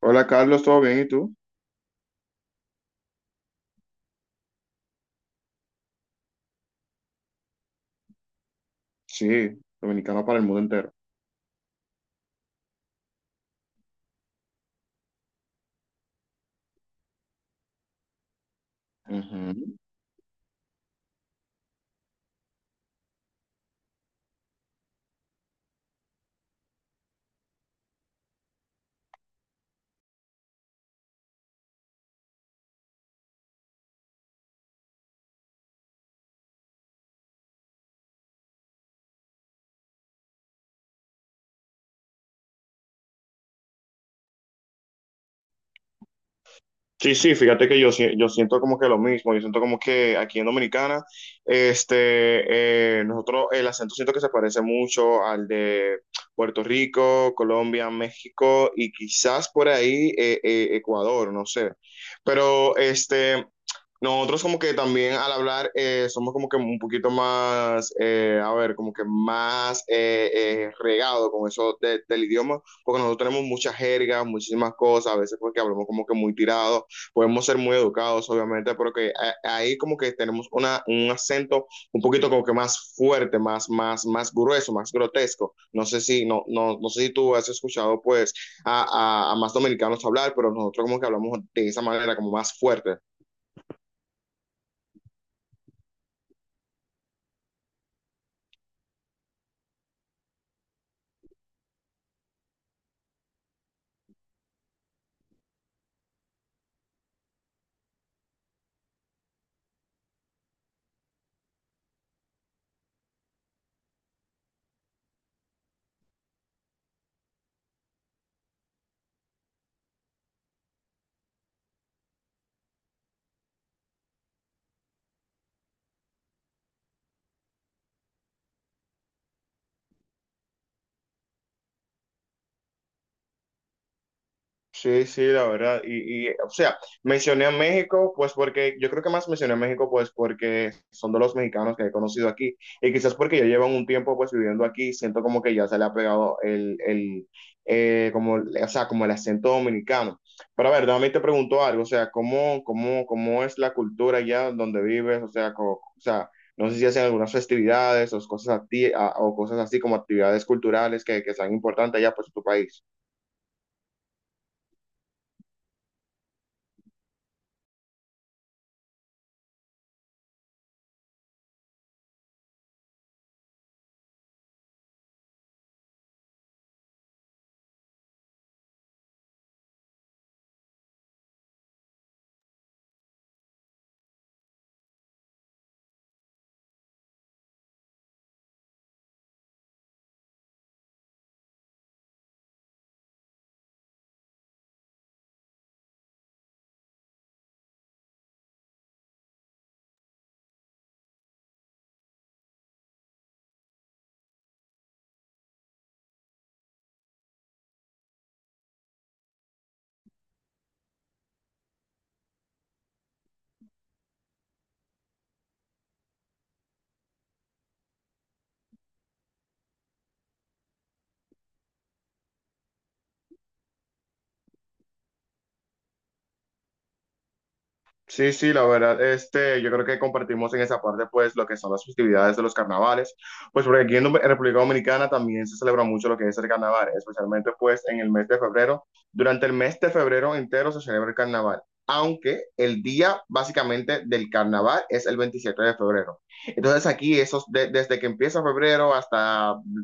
Hola Carlos, ¿todo bien? ¿Y tú? Sí, dominicano para el mundo entero. Sí, sí, fíjate que yo, yo siento como que lo mismo, yo siento como que aquí en Dominicana, nosotros el acento siento que se parece mucho al de Puerto Rico, Colombia, México y quizás por ahí Ecuador, no sé. Pero este, nosotros como que también al hablar somos como que un poquito más, a ver, como que más regado con eso del idioma, porque nosotros tenemos mucha jerga, muchísimas cosas, a veces porque hablamos como que muy tirado, podemos ser muy educados, obviamente, pero que ahí como que tenemos una, un acento un poquito como que más fuerte, más, más, más grueso, más grotesco. No sé si, no, no sé si tú has escuchado pues a más dominicanos hablar, pero nosotros como que hablamos de esa manera como más fuerte. Sí, sí, la verdad. Y, o sea, mencioné a México, pues porque yo creo que más mencioné a México, pues porque son de los mexicanos que he conocido aquí. Y quizás porque ya llevan un tiempo, pues viviendo aquí, siento como que ya se le ha pegado el como, o sea, como el acento dominicano. Pero a ver, también te pregunto algo, o sea, ¿ cómo es la cultura allá donde vives? O sea, o sea, no sé si hacen algunas festividades o cosas, a ti, o cosas así como actividades culturales que sean importantes allá, pues en tu país. Sí, sí, la verdad, este, yo creo que compartimos en esa parte, pues, lo que son las festividades de los carnavales, pues, porque aquí en en República Dominicana también se celebra mucho lo que es el carnaval, especialmente, pues, en el mes de febrero. Durante el mes de febrero entero se celebra el carnaval, aunque el día, básicamente, del carnaval es el 27 de febrero. Entonces, aquí, esos, desde que empieza febrero hasta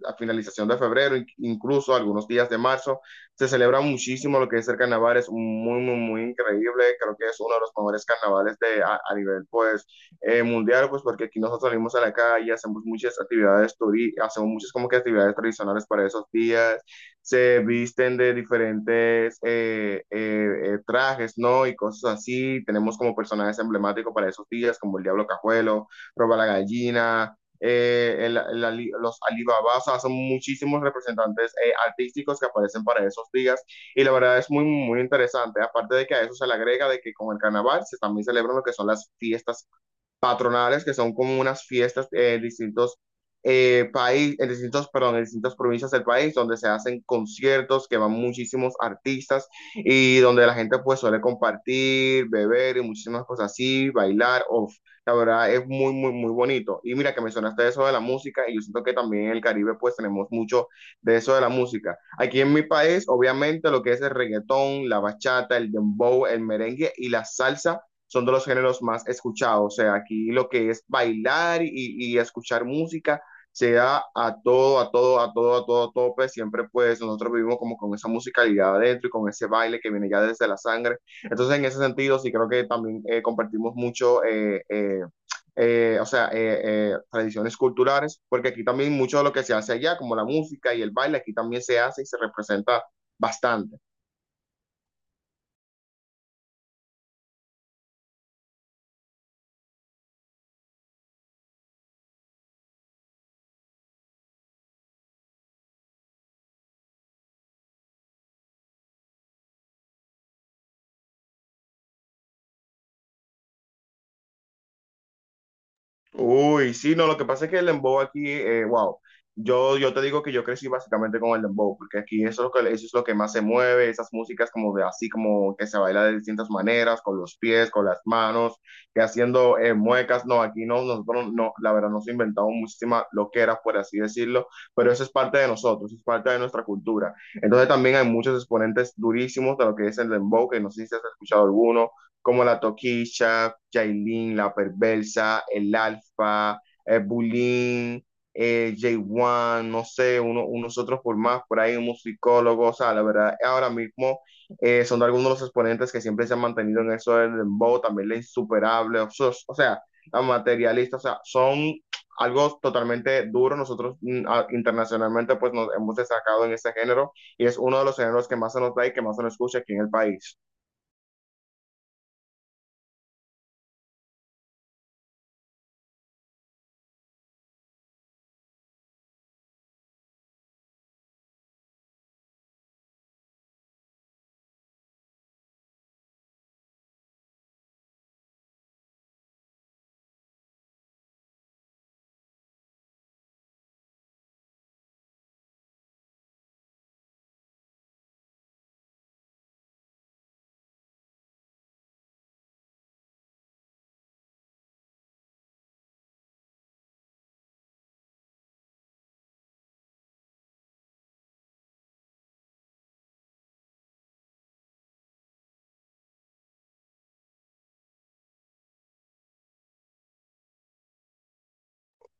la finalización de febrero, incluso algunos días de marzo, se celebra muchísimo lo que es el carnaval, es muy, muy, muy increíble, creo que es uno de los mejores carnavales de, a nivel, pues, mundial, pues, porque aquí nosotros salimos a la calle, hacemos muchas actividades, hacemos muchas como que actividades tradicionales para esos días, se visten de diferentes trajes, ¿no? Y cosas así, tenemos como personajes emblemáticos para esos días, como el Diablo Cajuelo, Roba la Gallina, los Alibaba, o sea, son muchísimos representantes artísticos que aparecen para esos días y la verdad es muy, muy interesante, aparte de que a eso se le agrega de que con el carnaval se también celebran lo que son las fiestas patronales, que son como unas fiestas en distintos perdón, en distintas provincias del país, donde se hacen conciertos que van muchísimos artistas y donde la gente pues suele compartir, beber y muchísimas cosas así, bailar, uf, la verdad es muy, muy, muy bonito. Y mira que mencionaste eso de la música y yo siento que también en el Caribe pues tenemos mucho de eso de la música. Aquí en mi país, obviamente, lo que es el reggaetón, la bachata, el dembow, el merengue y la salsa son de los géneros más escuchados. O sea, aquí lo que es bailar y escuchar música se da a todo, a todo, a todo, a todo tope. Siempre pues nosotros vivimos como con esa musicalidad adentro y con ese baile que viene ya desde la sangre. Entonces en ese sentido sí creo que también compartimos mucho. O sea, tradiciones culturales, porque aquí también mucho de lo que se hace allá, como la música y el baile, aquí también se hace y se representa bastante. Uy, sí, no, lo que pasa es que el dembow aquí, wow, yo te digo que yo crecí básicamente con el dembow, porque aquí eso es lo que, eso es lo que más se mueve, esas músicas como de así, como que se baila de distintas maneras, con los pies, con las manos, que haciendo muecas, no, aquí no, nosotros no, la verdad nos inventamos muchísimas loqueras, por así decirlo, pero eso es parte de nosotros, es parte de nuestra cultura. Entonces también hay muchos exponentes durísimos de lo que es el dembow, que no sé si has escuchado alguno, como la Toquilla, Jailin, la Perversa, el Alfa, el Bulín, J1, no sé, uno, unos otros por más, por ahí un musicólogo, o sea, la verdad, ahora mismo son algunos de los exponentes que siempre se han mantenido en eso del dembow, también la insuperable, o, o sea, la materialista, o sea, son algo totalmente duro, nosotros, internacionalmente pues nos hemos destacado en este género y es uno de los géneros que más se nos da y que más se nos escucha aquí en el país.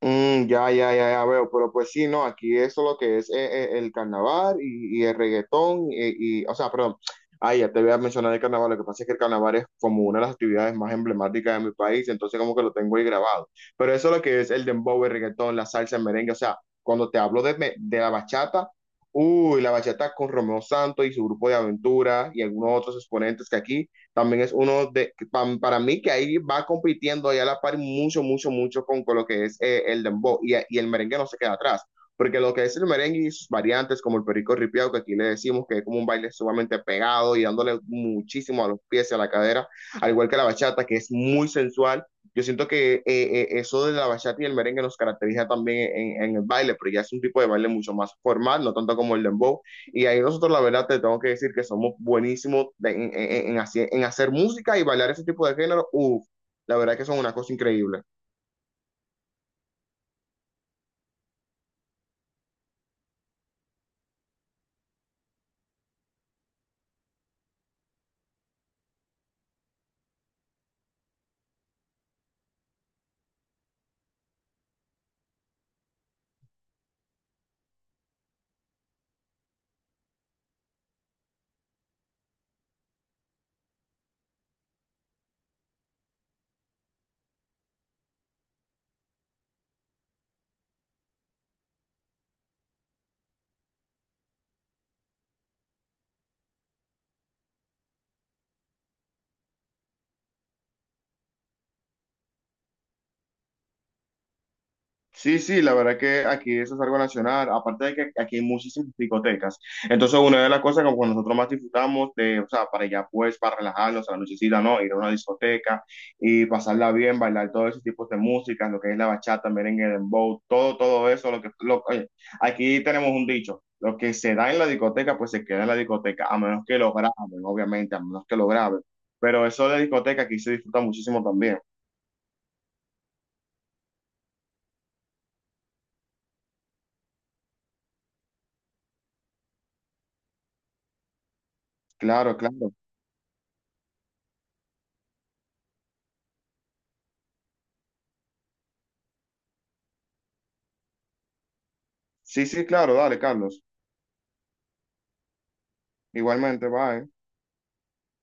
Mm, ya, ya, ya, ya veo, pero pues sí, no, aquí eso lo que es el carnaval y el reggaetón y, o sea, perdón, ay, ya te voy a mencionar el carnaval, lo que pasa es que el carnaval es como una de las actividades más emblemáticas de mi país, entonces como que lo tengo ahí grabado, pero eso lo que es el dembow, el reggaetón, la salsa, el merengue, o sea, cuando te hablo de, de la bachata, uy, la bachata con Romeo Santos y su grupo de aventura y algunos otros exponentes que aquí también es uno de, para mí que ahí va compitiendo ahí a la par mucho, mucho, mucho con lo que es el dembow y el merengue no se queda atrás. Porque lo que es el merengue y sus variantes, como el perico ripiao, que aquí le decimos que es como un baile sumamente pegado y dándole muchísimo a los pies y a la cadera, al igual que la bachata, que es muy sensual. Yo siento que eso de la bachata y el merengue nos caracteriza también en el baile, pero ya es un tipo de baile mucho más formal, no tanto como el dembow y ahí nosotros, la verdad, te tengo que decir que somos buenísimos en, en hacer música y bailar ese tipo de género. Uf, la verdad que son una cosa increíble. Sí, sí, la verdad que aquí eso es algo nacional, aparte de que aquí hay muchísimas discotecas. Entonces, una de las cosas que pues, nosotros más disfrutamos de, o sea, para ya pues, para relajarnos a la nochecita, ¿no? Ir a una discoteca y pasarla bien, bailar todos esos tipos de música, lo que es la bachata, merengue, dembow, todo, todo eso, lo que, oye, aquí tenemos un dicho, lo que se da en la discoteca, pues se queda en la discoteca, a menos que lo graben, obviamente, a menos que lo graben. Pero eso de discoteca aquí se disfruta muchísimo también. Claro, claro. Sí, sí, claro, dale, Carlos. Igualmente, bye.